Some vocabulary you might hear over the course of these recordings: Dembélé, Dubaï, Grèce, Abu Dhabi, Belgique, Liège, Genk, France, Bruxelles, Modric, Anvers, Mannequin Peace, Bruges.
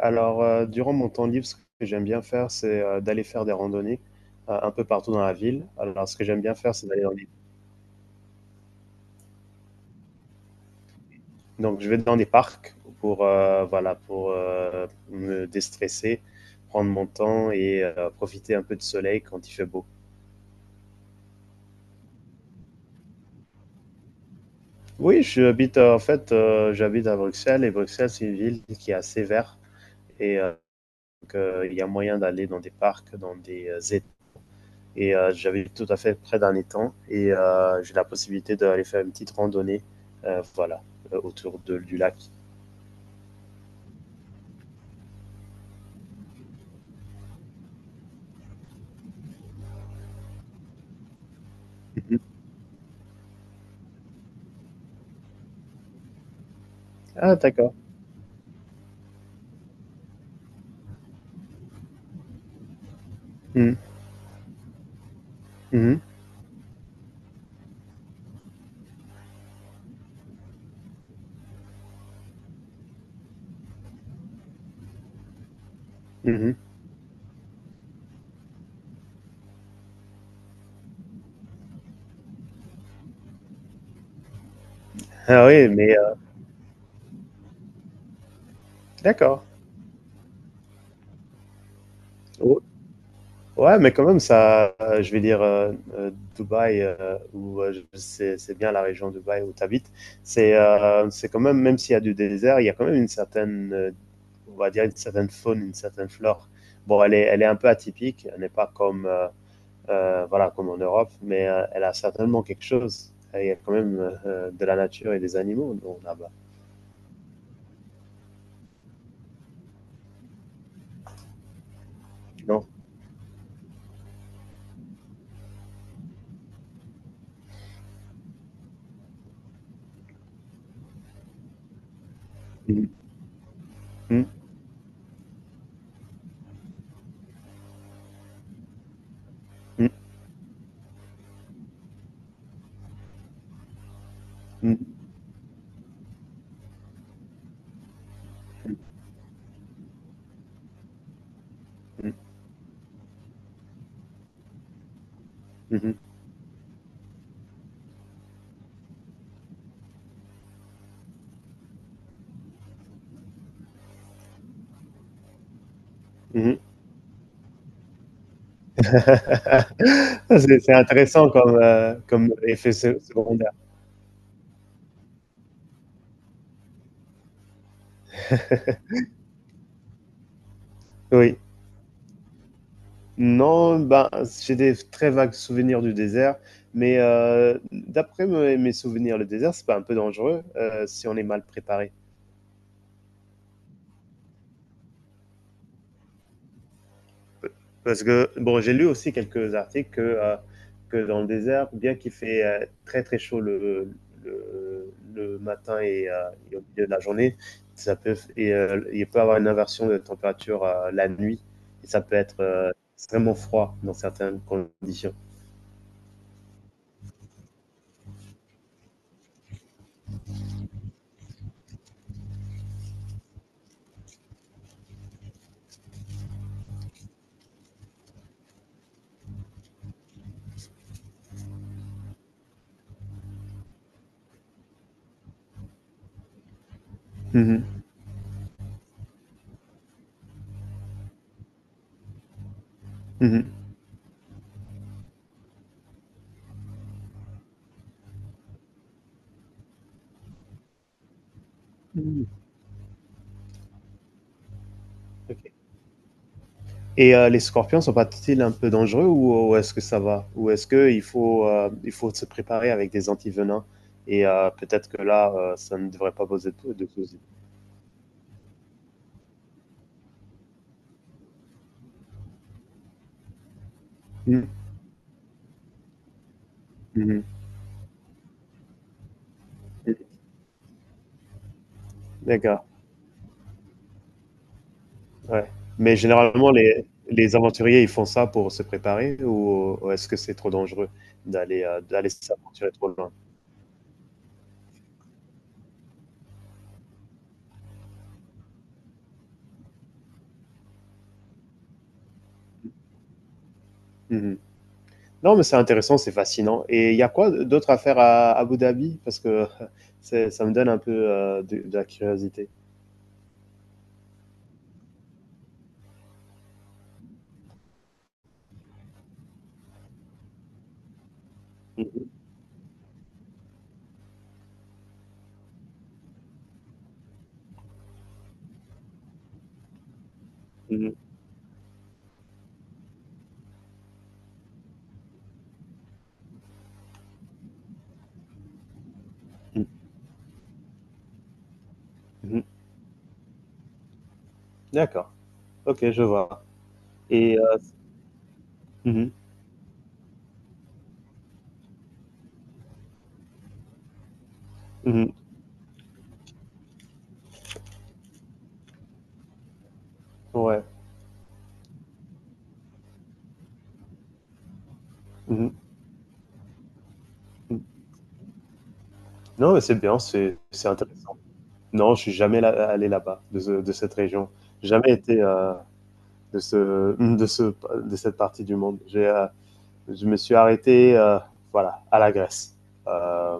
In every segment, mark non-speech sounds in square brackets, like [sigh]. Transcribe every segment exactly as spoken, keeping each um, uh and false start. Alors, euh, durant mon temps libre, ce que j'aime bien faire, c'est euh, d'aller faire des randonnées euh, un peu partout dans la ville. Alors, ce que j'aime bien faire, c'est d'aller dans des... Donc, je vais dans des parcs pour, euh, voilà, pour euh, me déstresser, prendre mon temps et euh, profiter un peu du soleil quand il fait beau. Oui, j'habite, euh, en fait, euh, j'habite à Bruxelles et Bruxelles, c'est une ville qui est assez verte et euh, donc, euh, il y a moyen d'aller dans des parcs, dans des étangs. Et euh, j'avais tout à fait près d'un étang et euh, j'ai la possibilité d'aller faire une petite randonnée, euh, voilà, euh, autour de, du lac. Mhm. Ah, d'accord. Mhm. Mhm. Mhm. Ah oui, mais euh, d'accord. Oh, ouais, mais quand même, ça, euh, je vais dire, euh, euh, Dubaï, euh, où euh, je- c'est c'est bien la région de Dubaï où tu habites, c'est euh, c'est quand même, même s'il y a du désert, il y a quand même une certaine, euh, on va dire, une certaine faune, une certaine flore. Bon, elle est, elle est un peu atypique, elle n'est pas comme, euh, euh, voilà, comme en Europe, mais euh, elle a certainement quelque chose. Il y a quand même euh, de la nature et des animaux là-bas. Non. Mhm, mhm, mhm, mhm, mhm, mhm. [laughs] C'est c'est intéressant comme, euh, comme effet secondaire. Oui. Non, ben, j'ai des très vagues souvenirs du désert, mais euh, d'après mes mes souvenirs, le désert, c'est pas un peu dangereux euh, si on est mal préparé? Parce que, bon, j'ai lu aussi quelques articles que, euh, que dans le désert, bien qu'il fait euh, très très chaud le, le, le matin et, euh, et au milieu de la journée, ça peut, et, euh, il peut y avoir une inversion de température euh, la nuit et ça peut être euh, extrêmement froid dans certaines conditions. Mhm, mhm. Mhm. Ok. Et euh, les scorpions sont pas-ils un peu dangereux ou, ou est-ce que ça va? Ou est-ce qu'il faut, euh, il faut se préparer avec des antivenins? Et euh, peut-être que là, euh, ça ne devrait pas poser de de soucis. Mmh, mmh, mmh. D'accord, ouais. Mais généralement, les les aventuriers, ils font ça pour se préparer ou ou est-ce que c'est trop dangereux d'aller, heu, d'aller s'aventurer trop loin? Mmh. Non, mais c'est intéressant, c'est fascinant et il y a quoi d'autre à faire à Abu Dhabi? Parce que [laughs] c'est ça me donne un peu, heu, de de la curiosité. Mmh mh, mmh mh, mmh. D'accord, OK, je vois et heu, mmh mh, mmh ouais, mmh mh, mmh. Non, mais c'est bien, c'est c'est intéressant. Non, je suis jamais là- allé là-bas, de, ce- de cette région. Jamais été euh, de ce, de ce, de cette partie du monde. J'ai, euh, je me suis arrêté, euh, voilà, à la Grèce, euh,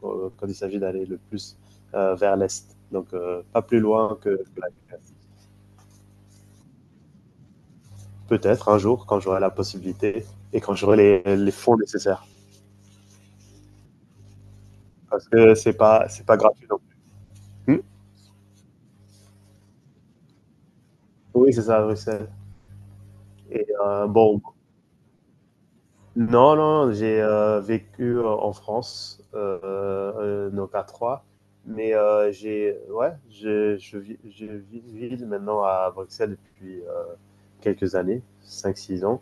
quand quand il s'agit d'aller le plus euh, vers l'est. Donc, euh, pas plus loin que que la Grèce. Peut-être un jour, quand j'aurai la possibilité et quand j'aurai les, les fonds nécessaires, parce que c'est pas, c'est pas gratuit non plus. Hmm. Oui, c'est ça, Bruxelles. Et euh, bon, non, non, j'ai euh, vécu euh, en France, euh, euh, non pas trois, mais euh, j'ai, ouais, je, je, vis, je vis vis maintenant à Bruxelles depuis euh, quelques années, cinq, six ans.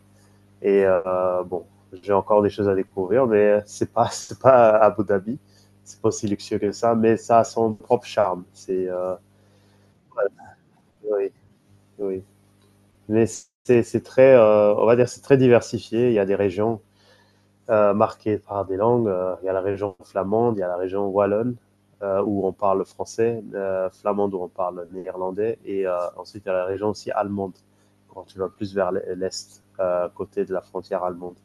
Et euh, bon, j'ai encore des choses à découvrir, mais c'est pas, [laughs] c'est pas à Abu Dhabi, c'est pas aussi luxueux que ça, mais ça a son propre charme. C'est, euh, oui, oui. Mais c'est, c'est très, euh, on va dire, c'est très diversifié. Il y a des régions euh, marquée par des langues. Euh, Il y a la région flamande, il y a la région wallonne euh, où on parle français, euh, flamande où on parle néerlandais, et euh, ensuite il y a la région aussi allemande quand tu vas plus vers l'est, euh, côté de la frontière allemande.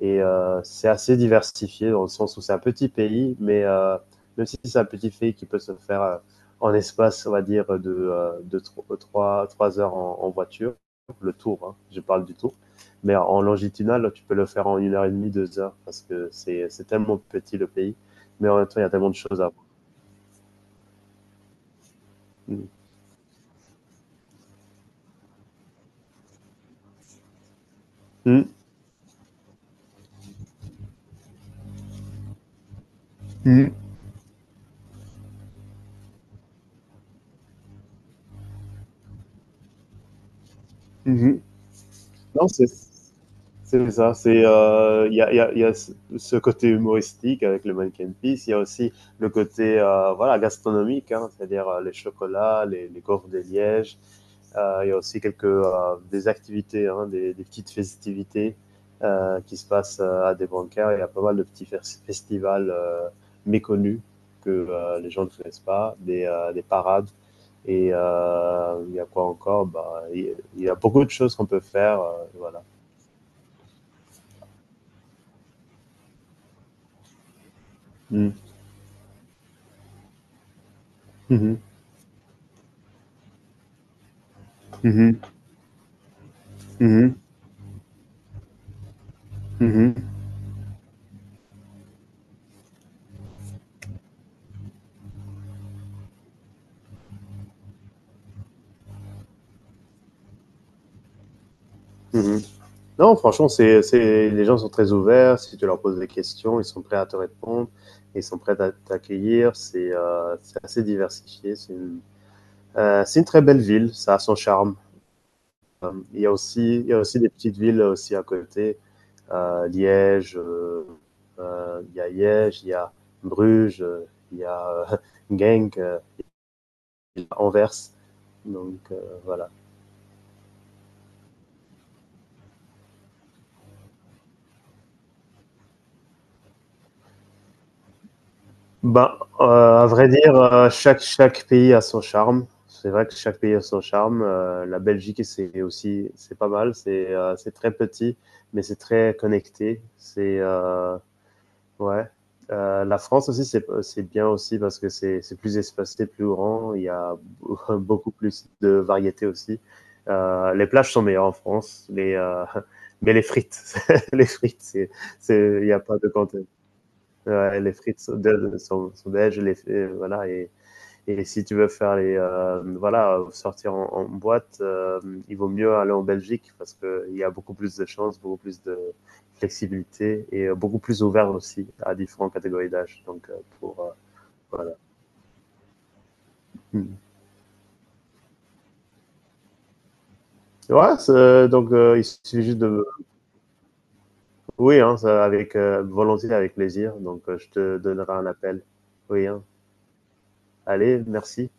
Et euh, c'est assez diversifié dans le sens où c'est un petit pays, mais euh, même si c'est un petit pays qui peut se faire euh, en espace, on va dire, de, euh, de trois heures en, en, voiture, le tour, hein, je parle du tour, mais en longitudinal, tu peux le faire en une heure et demie, deux heures, parce que c'est c'est tellement petit le pays, mais en même temps, il y a tellement de choses à voir. Mmh. Mmh. Mmh. Non, c'est c'est ça. C'est euh, il euh, y, a, il y, a, il y, a, ce Ce côté humoristique avec le Mannequin Peace. Il y a aussi le côté euh, voilà gastronomique, hein, c'est-à-dire euh, les chocolats, les, les gaufres des lièges. Euh, Il y a aussi quelques euh, des activités, hein, des, des, petites festivités euh, qui se passent euh, à des bancaires. Il y a pas mal de petits fes- festivals euh, méconnus que euh, les gens ne connaissent pas, des, euh, des parades et euh, il y a quoi encore bah, il y a beaucoup de choses qu'on peut faire. Euh, voilà. Mhm, mhm, mhm, mhm, mhm. Non, franchement, c'est, c'est, les gens sont très ouverts. Si tu leur poses des questions, ils sont prêts à te répondre. Ils sont prêts à t'accueillir. C'est, euh, c'est assez diversifié. C'est une, euh, c'est une très belle ville. Ça a son charme. Euh, Il y a aussi, il y a aussi des petites villes aussi à côté euh, Liège, euh, euh, il y a Liège, il y a Bruges, euh, il y a euh, [laughs] Genk, euh, il y a Anvers. Donc euh, voilà. Ben, euh, à vrai dire, euh, chaque, chaque pays a son charme, c'est vrai que chaque pays a son charme. Euh, la Belgique, c'est aussi, c'est pas mal. C'est euh, c'est très petit, mais c'est très connecté. C'est euh, ouais. Heu, la France aussi, c'est c'est bien aussi parce que c'est c'est plus espacé, plus grand. Il y a [laughs] beaucoup plus de variétés aussi. Heu, les plages sont meilleures en France, les, heu, [laughs] mais les frites, [laughs] les frites, c'est c'est il y a pas de contr ouais, les frites sont de sont sont belges, les f et voilà et et si tu veux faire les, euh, voilà, sortir en, en boîte, euh, il vaut mieux aller en Belgique parce qu'il y a beaucoup plus de chances, beaucoup plus de flexibilité et euh, beaucoup plus ouvert aussi à différentes catégories d'âge. Donc, euh, pour, euh, voilà. Ouais, c'est, donc, euh, il suffit juste de. Oui, hein, ça, avec euh, volonté, avec plaisir. Donc, euh, je te donnerai un appel. Oui, hein, allez, merci.